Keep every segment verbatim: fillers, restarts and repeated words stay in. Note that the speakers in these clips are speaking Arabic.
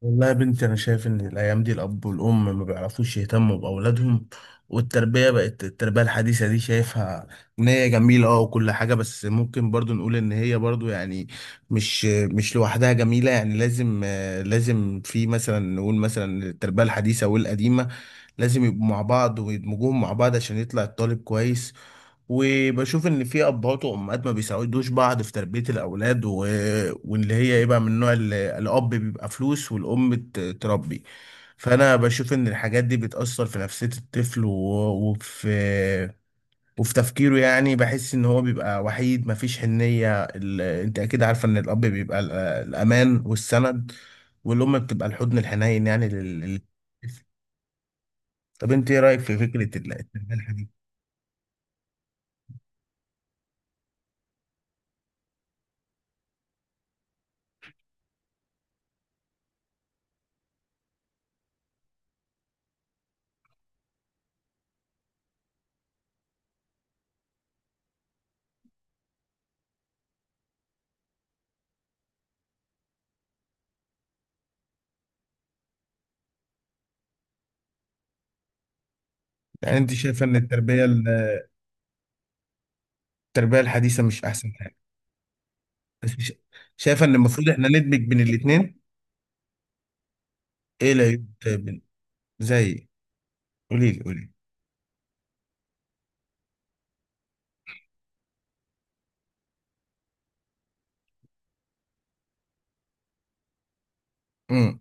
والله يا بنتي، أنا شايف إن الأيام دي الأب والأم ما بيعرفوش يهتموا بأولادهم. والتربية بقت التربية الحديثة، دي شايفها إن هي جميلة أه وكل حاجة. بس ممكن برضو نقول إن هي برضو يعني مش مش لوحدها جميلة، يعني لازم آه، لازم في مثلا نقول مثلا التربية الحديثة والقديمة لازم يبقوا مع بعض ويدمجوهم مع بعض عشان يطلع الطالب كويس. وبشوف ان في ابهات وامهات ما بيساعدوش بعض في تربيه الاولاد، و... واللي هي يبقى من النوع اللي الاب بيبقى فلوس والام ت- تربي. فانا بشوف ان الحاجات دي بتاثر في نفسيه الطفل، و... وفي وفي تفكيره، يعني بحس ان هو بيبقى وحيد مفيش حنيه ال... انت اكيد عارفه ان الاب بيبقى ال- الامان والسند، والام بتبقى الحضن الحنين يعني لل... لل- طب انت ايه رايك في فكره ال- التربيه الحنيه؟ يعني انت شايفه ان التربيه التربية الحديثة مش أحسن حاجة؟ بس مش شايفة إن المفروض إحنا ندمج بين الاتنين؟ إيه العيوب طيب بين- زي قولي لي قولي لي. امم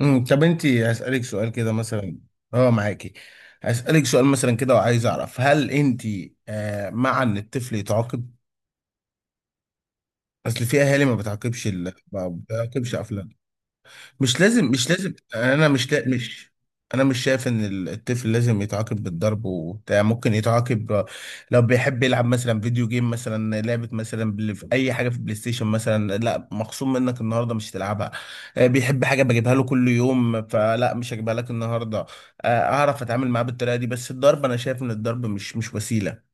امم طب أنت هسألك سؤال كده مثلا. أه، معاكي؟ هسألك سؤال مثلا كده، وعايز أعرف هل أنت آه مع إن الطفل يتعاقب؟ أصل في أهالي ما بتعاقبش ال... ما بتعاقبش أفلام. مش لازم مش لازم، يعني انا مش لا مش انا مش شايف ان ال- الطفل لازم يتعاقب بالضرب وبتاع. ممكن يتعاقب لو بيحب يلعب مثلا فيديو جيم، مثلا لعبة مثلا بال- في اي حاجة في البلاي ستيشن مثلا، لا مخصوم منك النهاردة مش تلعبها. آه، بيحب حاجة بجيبها له كل يوم، فلا مش هجيبها لك النهاردة. آه، اعرف اتعامل معاه بالطريقة دي، بس الضرب انا شايف ان الضرب مش مش وسيلة.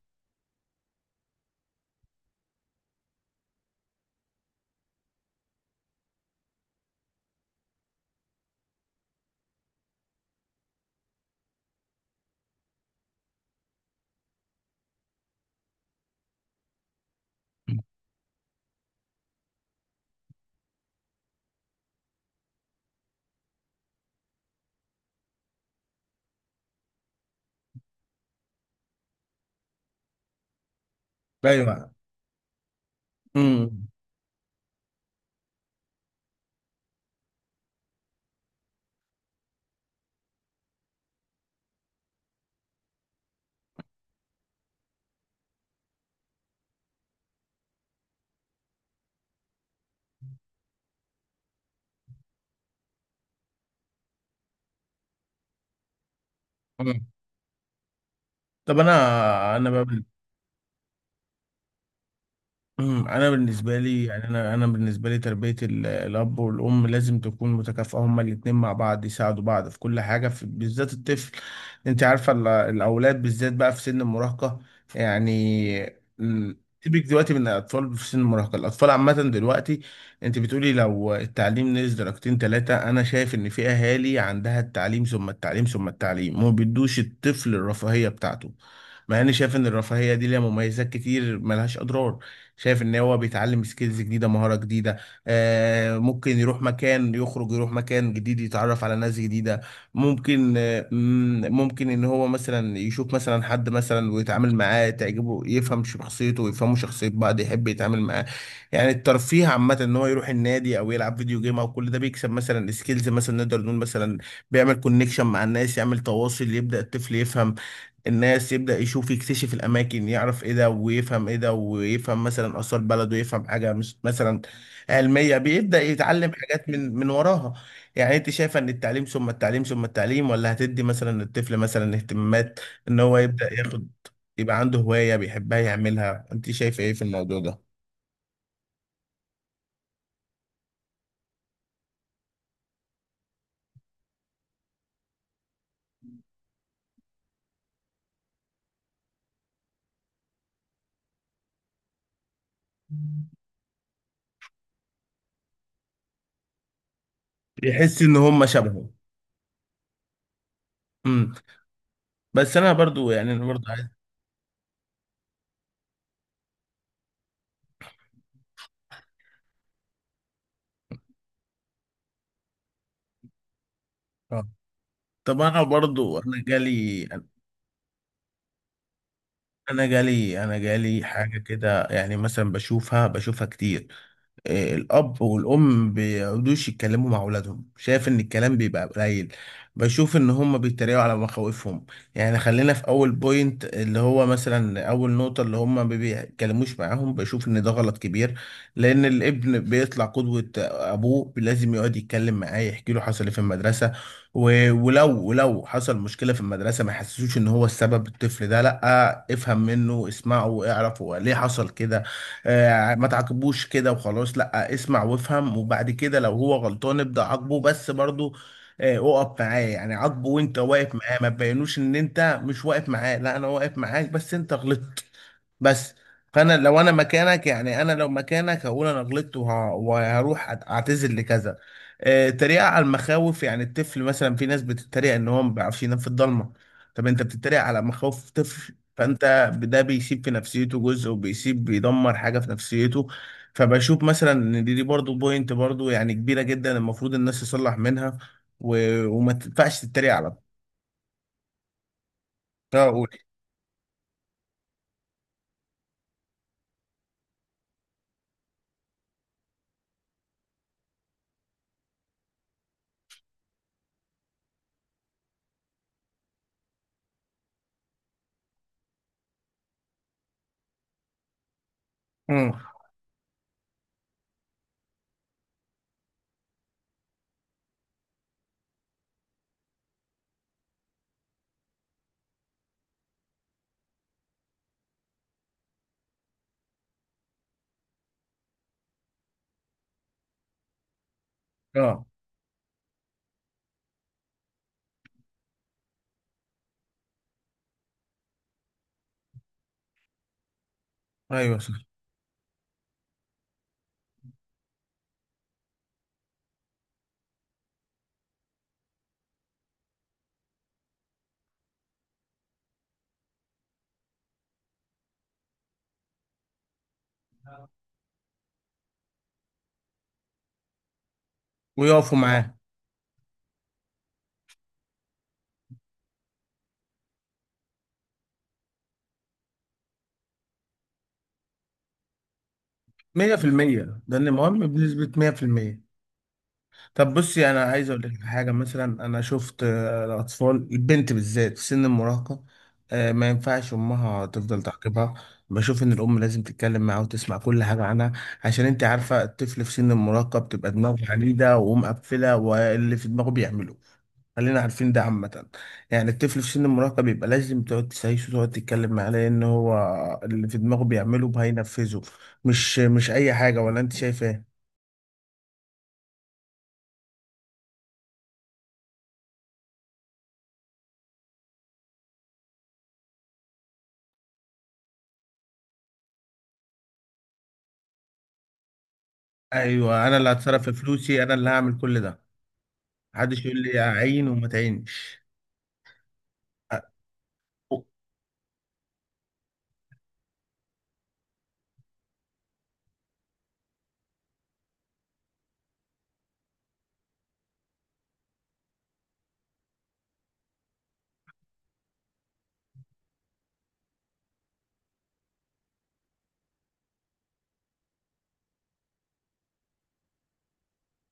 ايوه. امم أمم. طب انا انا بقى. أمم، انا بالنسبه لي يعني انا انا بالنسبه لي تربيه ال- الاب والام لازم تكون متكافئه، هما الاتنين مع بعض يساعدوا بعض في كل حاجه في بالذات الطفل. انت عارفه ال- الاولاد بالذات بقى في سن المراهقه، يعني ال- سيبك دلوقتي من الاطفال في سن المراهقه، الاطفال عامه دلوقتي. انت بتقولي لو التعليم نزل درجتين ثلاثه. انا شايف ان في اهالي عندها التعليم ثم التعليم ثم التعليم ما بيدوش الطفل الرفاهيه بتاعته، مع اني شايف ان الرفاهيه دي ليها مميزات كتير ملهاش اضرار. شايف ان هو بيتعلم سكيلز جديده، مهاره جديده. آه ممكن يروح مكان، يخرج يروح مكان جديد، يتعرف على ناس جديده. ممكن آه مم، ممكن ان هو مثلا يشوف مثلا حد مثلا ويتعامل معاه، تعجبه يفهم شخصيته ويفهموا شخصيه بعض، يحب يتعامل معاه. يعني الترفيه عامه ان هو يروح النادي او يلعب فيديو جيم، او كل ده بيكسب مثلا سكيلز، مثلا نقدر نقول مثلا بيعمل كونكشن مع الناس، يعمل تواصل، يبدا الطفل يفهم الناس، يبدأ يشوف، يكتشف الأماكن، يعرف إيه ده ويفهم إيه ده، ويفهم مثلا آثار بلده، ويفهم حاجة مش مثلا علمية، بيبدأ يتعلم حاجات من من وراها. يعني أنت شايفة إن التعليم ثم التعليم ثم التعليم، ولا هتدي مثلا الطفل مثلا اهتمامات، إن هو يبدأ ياخد، يبقى عنده هواية بيحبها يعملها؟ أنت شايفة إيه في الموضوع ده؟ يحس إن هم شبهه. امم. بس أنا برضو، يعني أنا برضو عايز. آه. طب أنا برضو أنا جالي، انا جالي انا جالي حاجه كده يعني، مثلا بشوفها بشوفها كتير. آه، الأب والأم بيقعدوش يتكلموا مع أولادهم، شايف إن الكلام بيبقى قليل. بشوف إن هما بيتريقوا على مخاوفهم. يعني خلينا في أول بوينت، اللي هو مثلا أول نقطة، اللي هما ما بيتكلموش معاهم، بشوف إن ده غلط كبير، لأن الابن بيطلع قدوة أبوه. لازم يقعد يتكلم معاه، يحكي له حصل إيه في المدرسة. و- ولو ولو حصل مشكلة في المدرسة ما يحسسوش إن هو السبب، الطفل ده لأ، افهم منه، اسمعه، اعرفه ليه حصل كده. آه، ما تعاقبوش كده وخلاص، لا اسمع وافهم، وبعد كده لو هو غلطان ابدأ عاقبه، بس برضو آه، اقف معاه، يعني عاقبه وانت واقف معاه، ما تبينوش ان انت مش واقف معاه، لا انا واقف معاك بس انت غلطت. بس فانا لو انا مكانك، يعني انا لو مكانك هقول انا غلطت وه- وهروح أت- اعتذر لكذا. آه، التريقة على المخاوف، يعني الطفل مثلا في ناس بتتريق ان هو ما بيعرفش ينام في الضلمه. طب انت بتتريق على مخاوف طفل؟ فانت ده بيسيب في نفسيته جزء، وبيسيب بيدمر حاجه في نفسيته. فبشوف مثلا ان دي, دي برضو بوينت، برضو يعني كبيره جدا المفروض الناس تصلح منها، و... وما تنفعش تتريق على. ده اقول. امم. اه. ايوه صح، ويقفوا معاه. مية في المية، ده اللي مهم بنسبة مية في المية. طب بصي انا عايز اقول لك حاجه مثلا. انا شفت آه، الاطفال، البنت بالذات في سن المراهقه، آه، ما ينفعش امها تفضل تعاقبها. بشوف ان الام لازم تتكلم معاها وتسمع كل حاجه عنها، عشان انت عارفه الطفل في سن المراهقه بتبقى دماغه عنيده ومقفله، واللي في دماغه بيعمله. خلينا عارفين ده عامة. يعني الطفل في سن المراهقة بيبقى لازم تقعد تسايسه وتقعد تتكلم معاه، لأن هو اللي في دماغه بيعمله هينفذه، مش مش أي حاجة. ولا أنت شايفة؟ ايوه، انا اللي هتصرف في فلوسي، انا اللي هعمل كل ده، محدش يقول لي اعين وما تعينش. أ-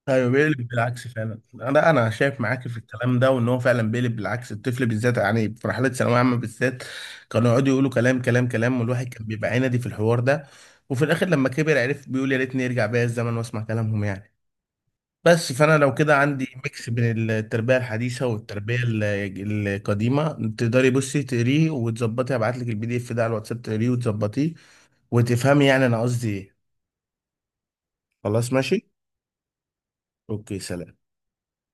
ايوه بيقلب بالعكس فعلا. انا انا شايف معاك في الكلام ده، وان هو فعلا بيقلب بالعكس الطفل بالذات، يعني في مرحله ثانويه عامه بالذات، كانوا يقعدوا يقولوا كلام كلام كلام، والواحد كان بيبقى عندي في الحوار ده. وفي الاخر لما كبر عرف، بيقول يا ريتني يرجع بيا الزمن واسمع كلامهم، يعني. بس فانا لو كده عندي ميكس بين التربيه الحديثه والتربيه ال- القديمه. تقدري بصي تقريه وتظبطي، هبعت لك البي دي اف ده على الواتساب، تقريه وتظبطيه وتفهمي يعني انا قصدي ايه. خلاص ماشي. اوكي، سلام.